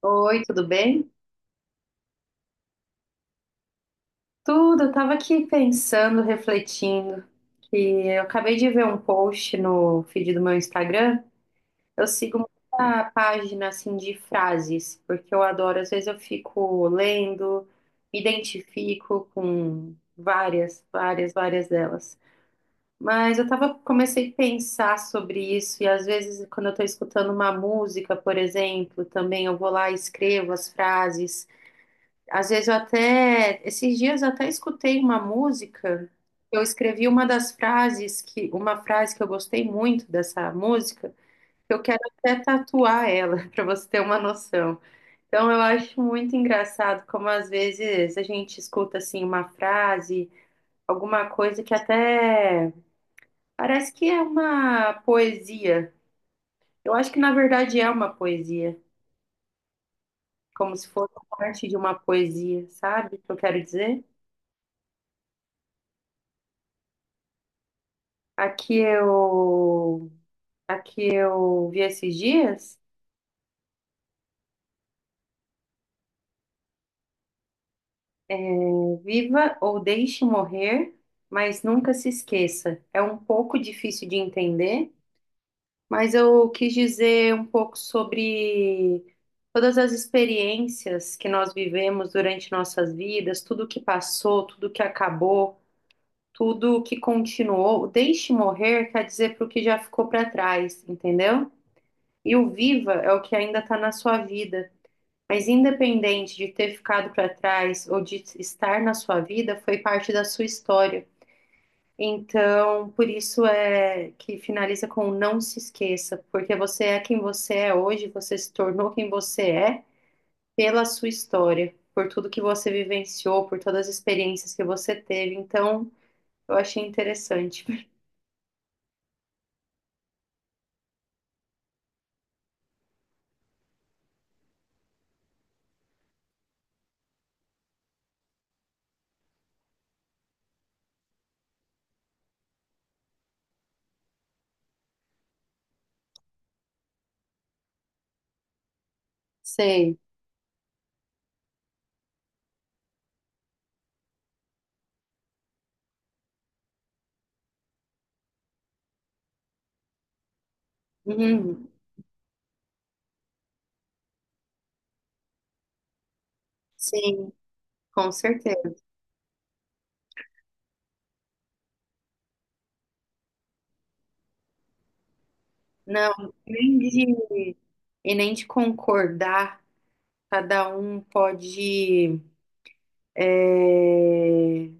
Oi, tudo bem? Tudo, eu tava aqui pensando, refletindo, que eu acabei de ver um post no feed do meu Instagram. Eu sigo muita página assim de frases, porque eu adoro, às vezes eu fico lendo, me identifico com várias, várias, várias delas. Mas comecei a pensar sobre isso, e às vezes quando eu tô escutando uma música, por exemplo, também eu vou lá e escrevo as frases. Às vezes eu até, esses dias eu até escutei uma música, eu escrevi uma frase que eu gostei muito dessa música, que eu quero até tatuar ela, para você ter uma noção. Então eu acho muito engraçado como às vezes a gente escuta assim uma frase, alguma coisa que até parece que é uma poesia. Eu acho que na verdade é uma poesia, como se fosse parte de uma poesia, sabe o que eu quero dizer? Aqui eu, aqui eu vi esses dias, é, viva ou deixe morrer, mas nunca se esqueça. É um pouco difícil de entender, mas eu quis dizer um pouco sobre todas as experiências que nós vivemos durante nossas vidas, tudo que passou, tudo que acabou, tudo que continuou. O deixe morrer quer dizer para o que já ficou para trás, entendeu? E o viva é o que ainda está na sua vida. Mas independente de ter ficado para trás ou de estar na sua vida, foi parte da sua história. Então, por isso é que finaliza com não se esqueça, porque você é quem você é hoje, você se tornou quem você é pela sua história, por tudo que você vivenciou, por todas as experiências que você teve. Então, eu achei interessante. Sei. Uhum. Sim, com certeza. Não, nem de, e nem de concordar. Cada um pode eh,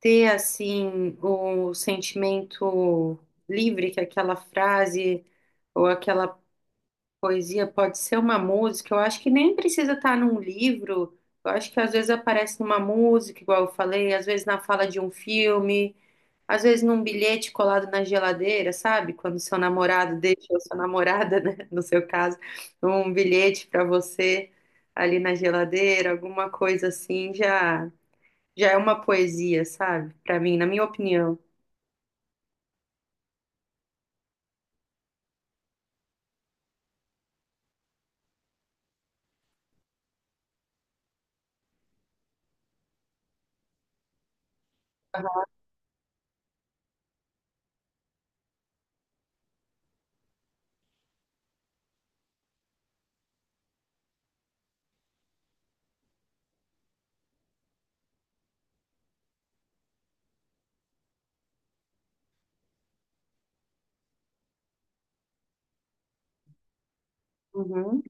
ter assim o sentimento livre que aquela frase ou aquela poesia pode ser uma música. Eu acho que nem precisa estar num livro. Eu acho que às vezes aparece numa música, igual eu falei, às vezes na fala de um filme. Às vezes num bilhete colado na geladeira, sabe? Quando seu namorado deixa, ou sua namorada, né? No seu caso, um bilhete para você ali na geladeira, alguma coisa assim, já já é uma poesia, sabe? Para mim, na minha opinião. Uhum.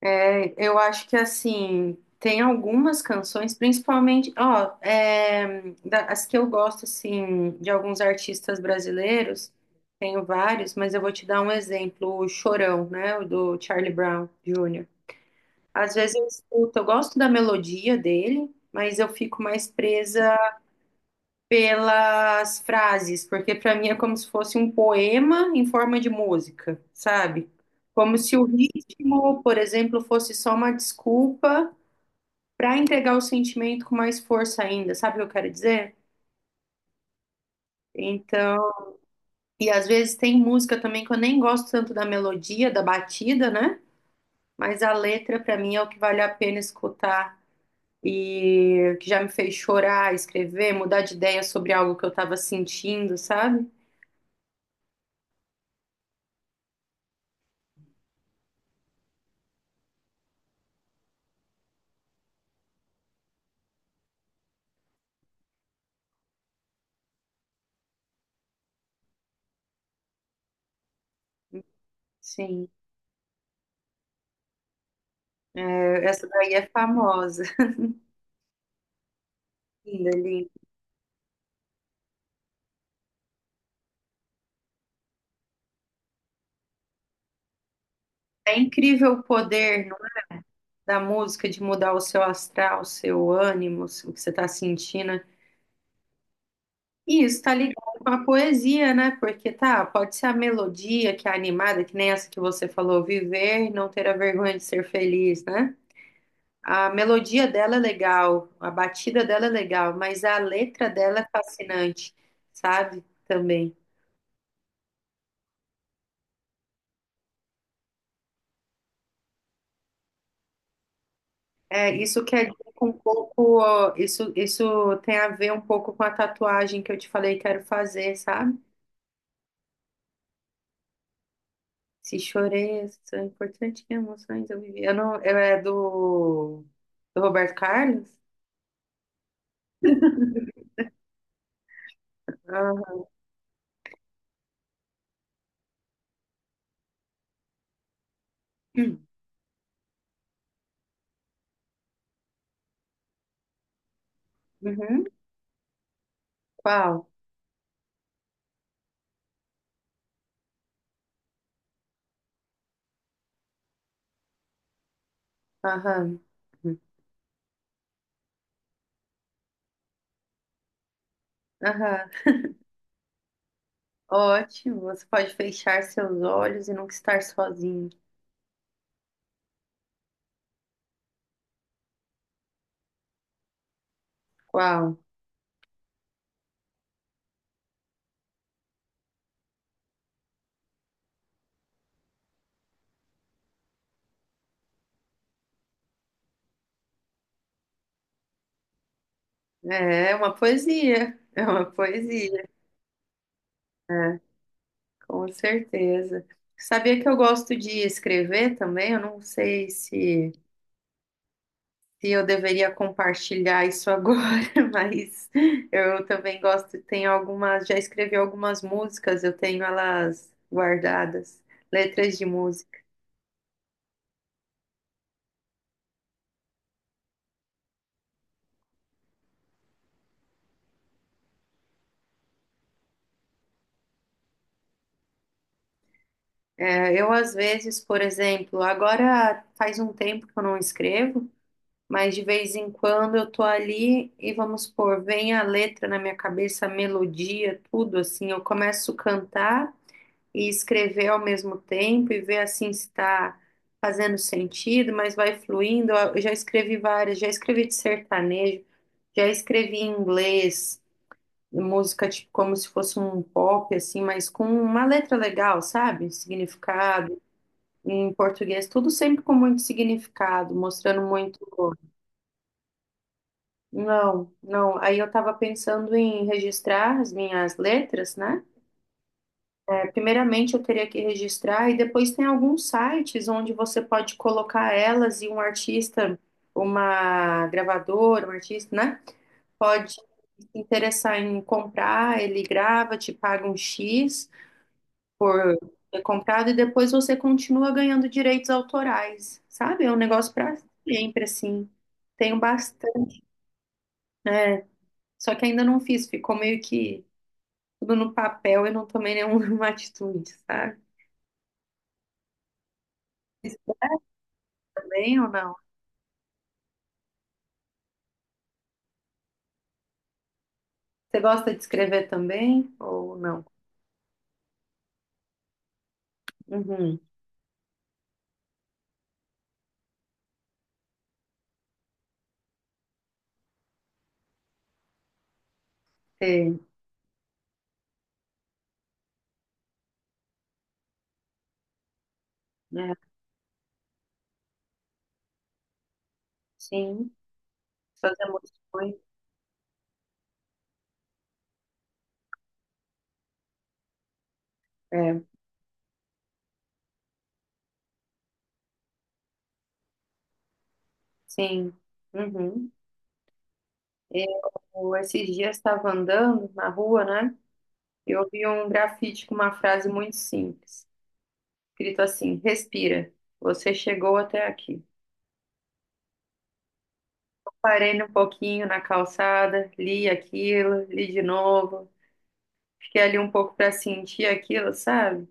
É, eu acho que assim, tem algumas canções, principalmente, ó, as que eu gosto assim de alguns artistas brasileiros, tenho vários, mas eu vou te dar um exemplo, o Chorão, né, o do Charlie Brown Jr. Às vezes eu escuto, eu gosto da melodia dele, mas eu fico mais presa pelas frases, porque para mim é como se fosse um poema em forma de música, sabe? Como se o ritmo, por exemplo, fosse só uma desculpa para entregar o sentimento com mais força ainda, sabe o que eu quero dizer? Então, e às vezes tem música também que eu nem gosto tanto da melodia, da batida, né? Mas a letra para mim é o que vale a pena escutar e que já me fez chorar, escrever, mudar de ideia sobre algo que eu estava sentindo, sabe? Sim. É, essa daí é famosa. Linda, linda. É incrível o poder, não, da música de mudar o seu astral, o seu ânimo, o que você está sentindo. E isso está ligado com a poesia, né? Porque tá, pode ser a melodia que é animada, que nem essa que você falou, viver e não ter a vergonha de ser feliz, né? A melodia dela é legal, a batida dela é legal, mas a letra dela é fascinante, sabe? Também. É, isso quer dizer que um pouco, ó, isso tem a ver um pouco com a tatuagem que eu te falei que quero fazer, sabe? Se chorei, são importantes emoções eu vivi. Eu não, eu é do Roberto Carlos? Aham. Uhum. Uhum. Qual? Aham. Aham. Ótimo. Você pode fechar seus olhos e nunca estar sozinho. Qual? É é uma poesia. É uma poesia. É. Com certeza. Sabia que eu gosto de escrever também? Eu não sei se eu deveria compartilhar isso agora, mas eu também gosto. Tem algumas, já escrevi algumas músicas, eu tenho elas guardadas, letras de música. É, eu, às vezes, por exemplo, agora faz um tempo que eu não escrevo, mas de vez em quando eu tô ali e vamos supor, vem a letra na minha cabeça, a melodia, tudo assim, eu começo a cantar e escrever ao mesmo tempo e ver assim se está fazendo sentido, mas vai fluindo. Eu já escrevi várias, já escrevi de sertanejo, já escrevi em inglês, música tipo como se fosse um pop assim, mas com uma letra legal, sabe? Significado. Em português, tudo sempre com muito significado, mostrando muito. Não, não. Aí eu tava pensando em registrar as minhas letras, né? Primeiramente, eu teria que registrar, e depois tem alguns sites onde você pode colocar elas e um artista, uma gravadora, um artista, né? Pode se interessar em comprar, ele grava, te paga um X por ter comprado, e depois você continua ganhando direitos autorais, sabe? É um negócio para sempre, assim. Tenho bastante, só que ainda não fiz, ficou meio que tudo no papel e não tomei nenhuma atitude, sabe? Isso também ou não? Você gosta de escrever também ou não? Uhum. Sei. Né? Sim, suas emoções. É, sim. Uhum. Eu, esses dias estava andando na rua, né? Eu vi um grafite com uma frase muito simples, escrito assim: respira, você chegou até aqui. Parei um pouquinho na calçada, li aquilo, li de novo, fiquei ali um pouco para sentir aquilo, sabe?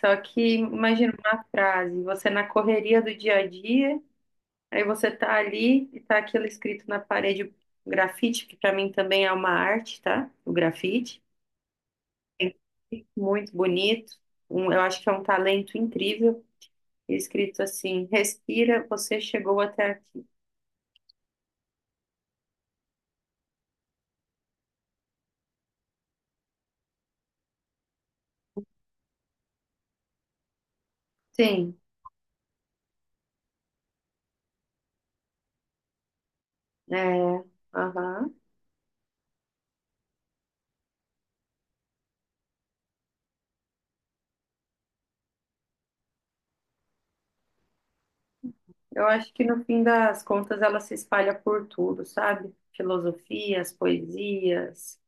Só que imagina uma frase, você na correria do dia a dia. Aí você tá ali e tá aquilo escrito na parede, grafite, que pra mim também é uma arte, tá? O grafite, muito bonito. Um, eu acho que é um talento incrível. E escrito assim: respira, você chegou até aqui. Sim, é. Aham. Eu acho que no fim das contas ela se espalha por tudo, sabe? Filosofias, poesias,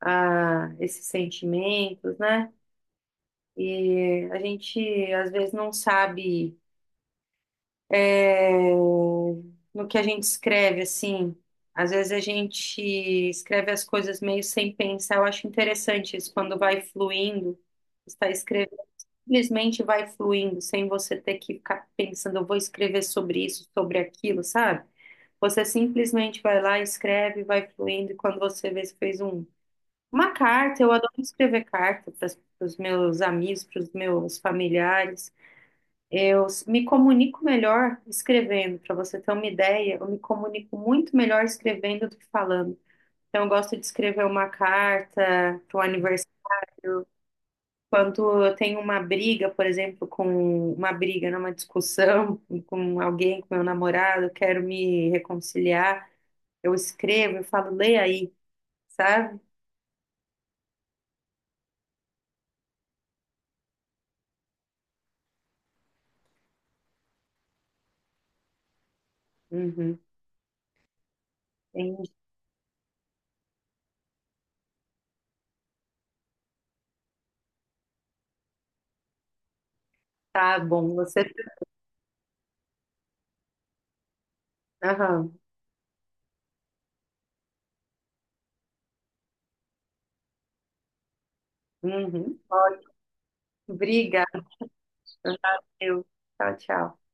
ah, esses sentimentos, né? E a gente às vezes não sabe, é, no que a gente escreve, assim. Às vezes a gente escreve as coisas meio sem pensar. Eu acho interessante isso, quando vai fluindo, está escrevendo, simplesmente vai fluindo, sem você ter que ficar pensando, eu vou escrever sobre isso, sobre aquilo, sabe? Você simplesmente vai lá, escreve, vai fluindo, e quando você vê, você fez um, uma carta. Eu adoro escrever carta para os meus amigos, para os meus familiares. Eu me comunico melhor escrevendo, para você ter uma ideia, eu me comunico muito melhor escrevendo do que falando. Então, eu gosto de escrever uma carta para o aniversário. Quando eu tenho uma briga, por exemplo, com uma briga, né, uma discussão com alguém, com meu namorado, eu quero me reconciliar, eu escrevo, eu falo, lê aí, sabe? Uhum. Entendi. Tá bom, você. Aham. Uhum. Ótimo. Obrigada. Valeu. Tchau, tchau.